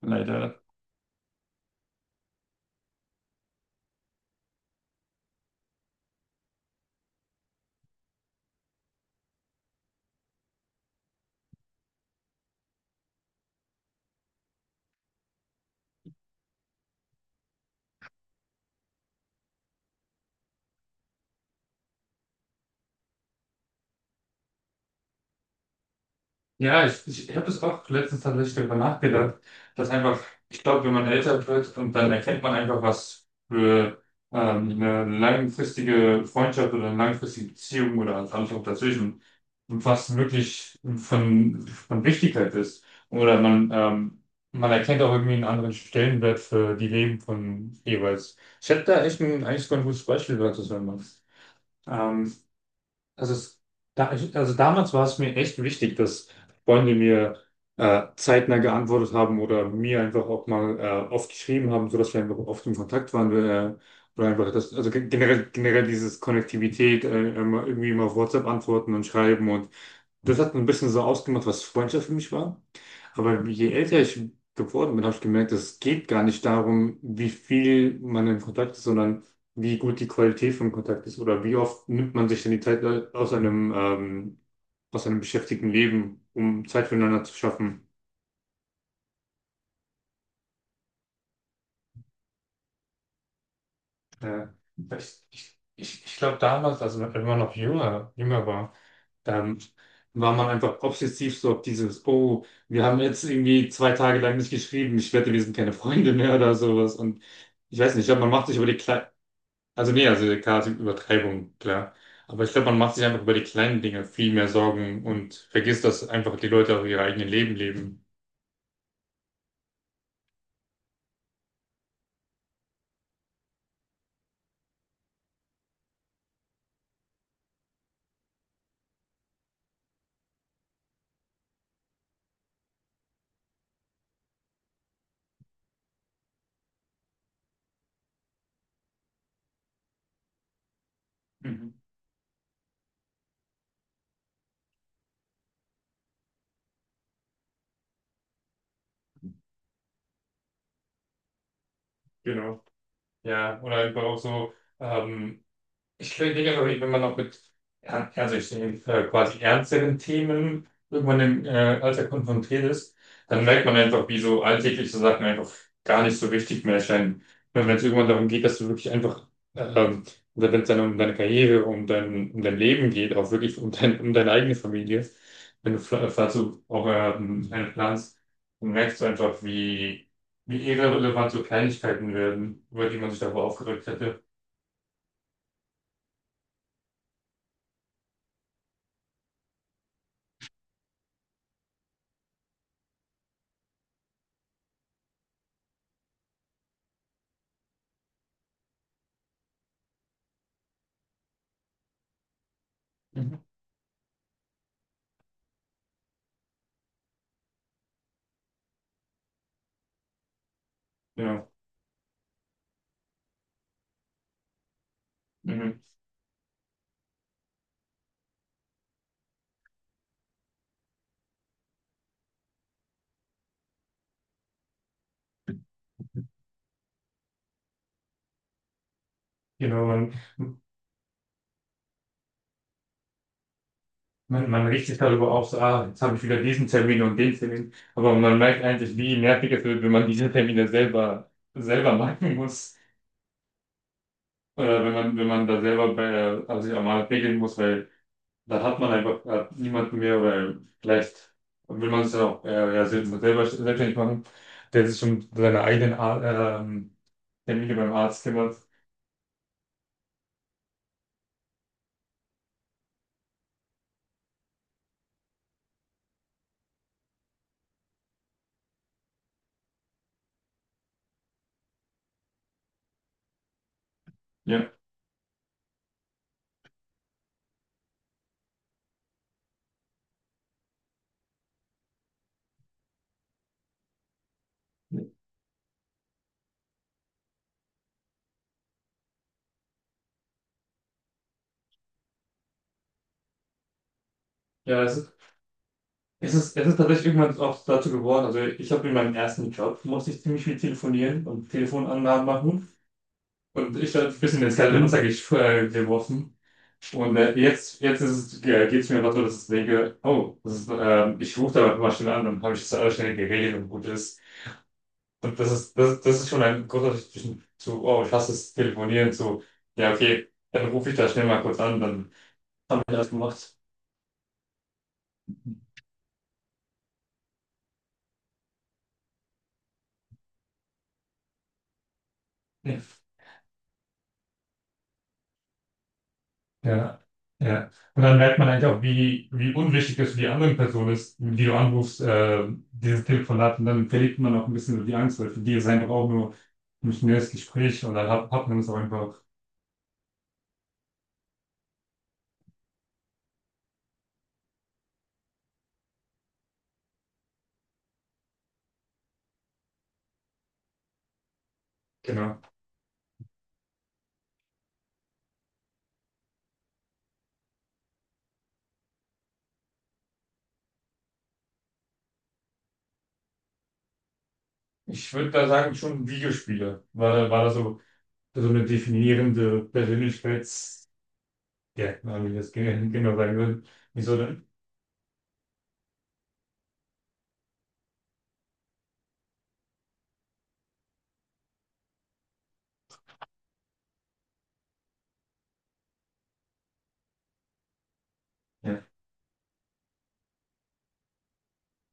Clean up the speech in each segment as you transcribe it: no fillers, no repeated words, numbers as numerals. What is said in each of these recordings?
Leider. Ja, ich habe es auch letztens tatsächlich darüber nachgedacht, dass einfach, ich glaube, wenn man älter wird und dann erkennt man einfach, was für eine langfristige Freundschaft oder eine langfristige Beziehung oder alles auch dazwischen, was wirklich von Wichtigkeit ist. Oder man, man erkennt auch irgendwie einen anderen Stellenwert für die Leben von jeweils. Ich hätte da echt ein, eigentlich sogar ein gutes Beispiel, dazu wenn sagen machst. Also, es, da, also damals war es mir echt wichtig, dass Freunde mir zeitnah geantwortet haben oder mir einfach auch mal oft geschrieben haben, sodass wir einfach oft im Kontakt waren. Oder einfach das, also generell dieses Konnektivität, immer, irgendwie immer auf WhatsApp antworten und schreiben. Und das hat ein bisschen so ausgemacht, was Freundschaft für mich war. Aber je älter ich geworden bin, habe ich gemerkt, es geht gar nicht darum, wie viel man in Kontakt ist, sondern wie gut die Qualität vom Kontakt ist oder wie oft nimmt man sich denn die Zeit aus einem, ähm, aus einem beschäftigten Leben, um Zeit füreinander zu schaffen. Äh, ich glaube damals, also wenn man noch jünger war, ähm, war man einfach obsessiv so auf dieses, oh, wir haben jetzt irgendwie zwei Tage lang nicht geschrieben, ich wette, wir sind keine Freunde mehr oder sowas. Und ich weiß nicht, ich glaube, man macht sich über die Kle Also nee, also klar, es gibt Übertreibung, klar. Aber ich glaube, man macht sich einfach über die kleinen Dinge viel mehr Sorgen und vergisst, dass einfach die Leute auch ihre eigenen Leben leben. Mhm. Genau. Ja, oder einfach auch so, ähm, ich reagiere aber ich bin immer noch mit, ja, also ich sehe quasi ernsteren Themen, irgendwann im Alltag konfrontiert ist, dann merkt man einfach, wie so alltägliche Sachen einfach gar nicht so wichtig mehr erscheinen. Wenn es irgendwann darum geht, dass du wirklich einfach, ähm, oder wenn es dann um deine Karriere, um dein Leben geht, auch wirklich um deine eigene Familie, wenn du dazu auch einen planst, dann merkst du einfach, wie, wie irrelevant so Kleinigkeiten werden, über die man sich davor aufgeregt hätte. Mhm. Ja. Mhm. Genau, man regt sich darüber auf, so, ah, jetzt habe ich wieder diesen Termin und den Termin. Aber man merkt eigentlich, wie nervig es wird, wenn man diese Termine selber, selber machen muss. Oder wenn man, wenn man da selber bei, also sich einmal regeln muss, weil dann hat man einfach niemanden mehr, weil vielleicht will man es ja auch ja, selber selbstständig machen, der sich um seine eigenen Ar ähm, Termine beim Arzt kümmert. Ja. Ja, es Es ist, es ist tatsächlich irgendwann auch dazu geworden. Also ich habe in meinem ersten Job musste ich ziemlich viel telefonieren und Telefonanlagen machen. Und ich habe ein bisschen ins kalte Wasser Mhm. Geworfen. Und jetzt ist es, geht es mir einfach so, dass ich denke, oh, das ist, ich rufe da mal schnell an, dann habe ich das alles schnell geregelt und gut ist. Und das ist, das, das ist schon ein großer Unterschied zwischen zu, oh, ich hasse das Telefonieren, zu, ja, okay, dann rufe ich da schnell mal kurz an, dann haben wir das gemacht. Ja. Ja, ja. Und dann merkt man eigentlich auch, wie, wie unwichtig das für die andere Person ist, die du anrufst, dieses Telefonat. Und dann verliert man auch ein bisschen so die Angst, weil für die ist es einfach auch nur ein schnelles Gespräch und dann hat man es auch einfach. Genau. Ich würde da sagen, schon Videospiele. War da so, so eine definierende Persönlichkeits, ja, wie ich das genau sagen würde. Wieso denn?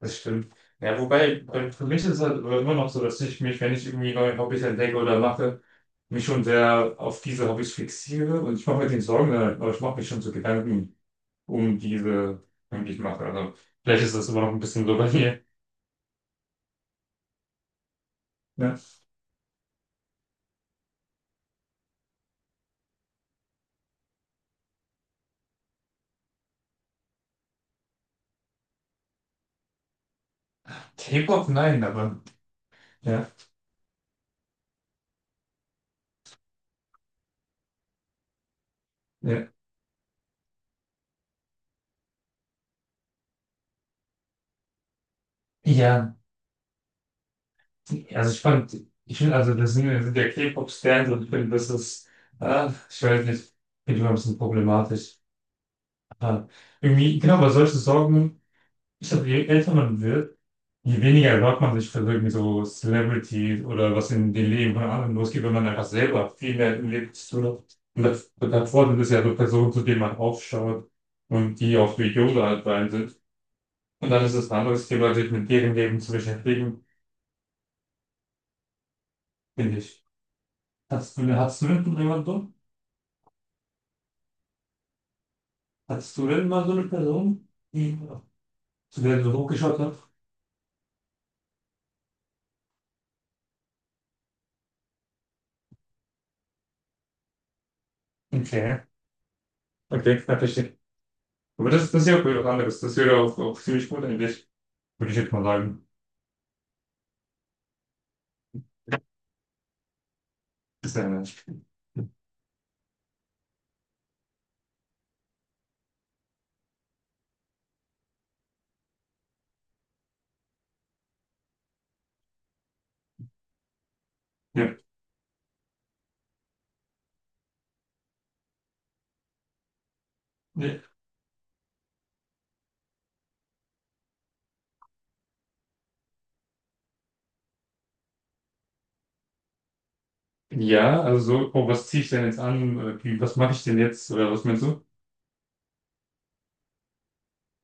Das stimmt. Ja, wobei, für mich ist es halt immer noch so, dass ich mich, wenn ich irgendwie neue Hobbys entdecke oder mache, mich schon sehr auf diese Hobbys fixiere und ich mache mir den Sorgen, aber ich mache mich schon so Gedanken um diese, um die ich mache. Also, vielleicht ist das immer noch ein bisschen so bei mir. Ja. K-Pop, nein, aber, ja, ja. Ja, also ich fand, ich finde, also, das sind ja K-Pop-Stars und ich finde, das ist, ah, ich weiß nicht, finde ich immer ein bisschen problematisch. Aber irgendwie, genau, aber solche Sorgen, ich glaube, je älter man wird, je weniger hört man sich für irgendwie so Celebrities oder was in den Leben von anderen losgeht, wenn man einfach selber viel mehr im Leben zu tun hat. Und das, das Vorteil ist ja so Personen, zu denen man aufschaut und die auch für Yoga halt rein sind. Und dann ist es ein anderes Thema, sich mit deren Leben zu beschäftigen, finde ich. Hast du denn jemanden so? Hattest du denn mal so eine Person, die, zu der du so hochgeschaut hast? Okay, okay, na, verstehe. Aber das, das ist ja auch wieder was anderes. Das wäre auch, auch ziemlich gut eigentlich, würde ich jetzt mal sagen. Ist ja- Ja, ja, also so, oh, was ziehe ich denn jetzt an? Oder wie, was mache ich denn jetzt? Oder was meinst du?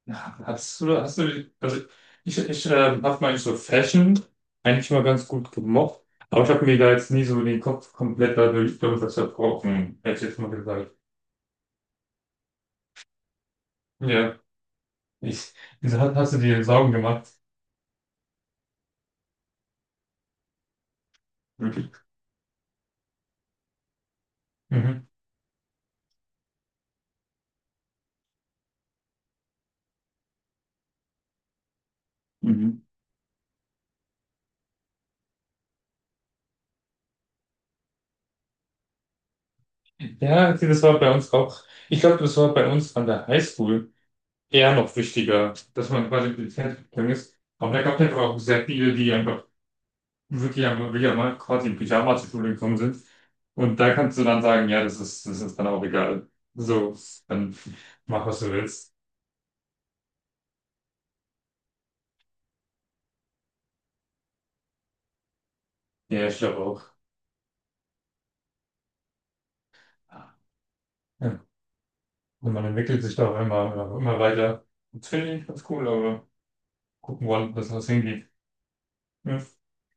Also ich habe meine so Fashion eigentlich mal ganz gut gemocht, aber ich habe mir da jetzt nie so den Kopf komplett dadurch, darüber zerbrochen, hätte ich jetzt mal gesagt. Ja, ich, wieso hast du dir Sorgen gemacht? Wirklich? Mhm. Mhm. Ja, okay, das war bei uns auch, ich glaube, das war bei uns an der Highschool. Eher noch wichtiger, dass man quasi mit dem Fernsehen ist. Aber da gab es einfach auch sehr viele, die einfach wirklich mal quasi in Pyjama zur Schule gekommen sind. Und da kannst du dann sagen, ja, das ist dann auch egal. So, dann mach, was du willst. Ja, ich glaube auch. Ja. Und man entwickelt sich da auch immer, immer weiter. Das finde ich ganz cool, aber gucken wollen, dass das hingeht. Ja.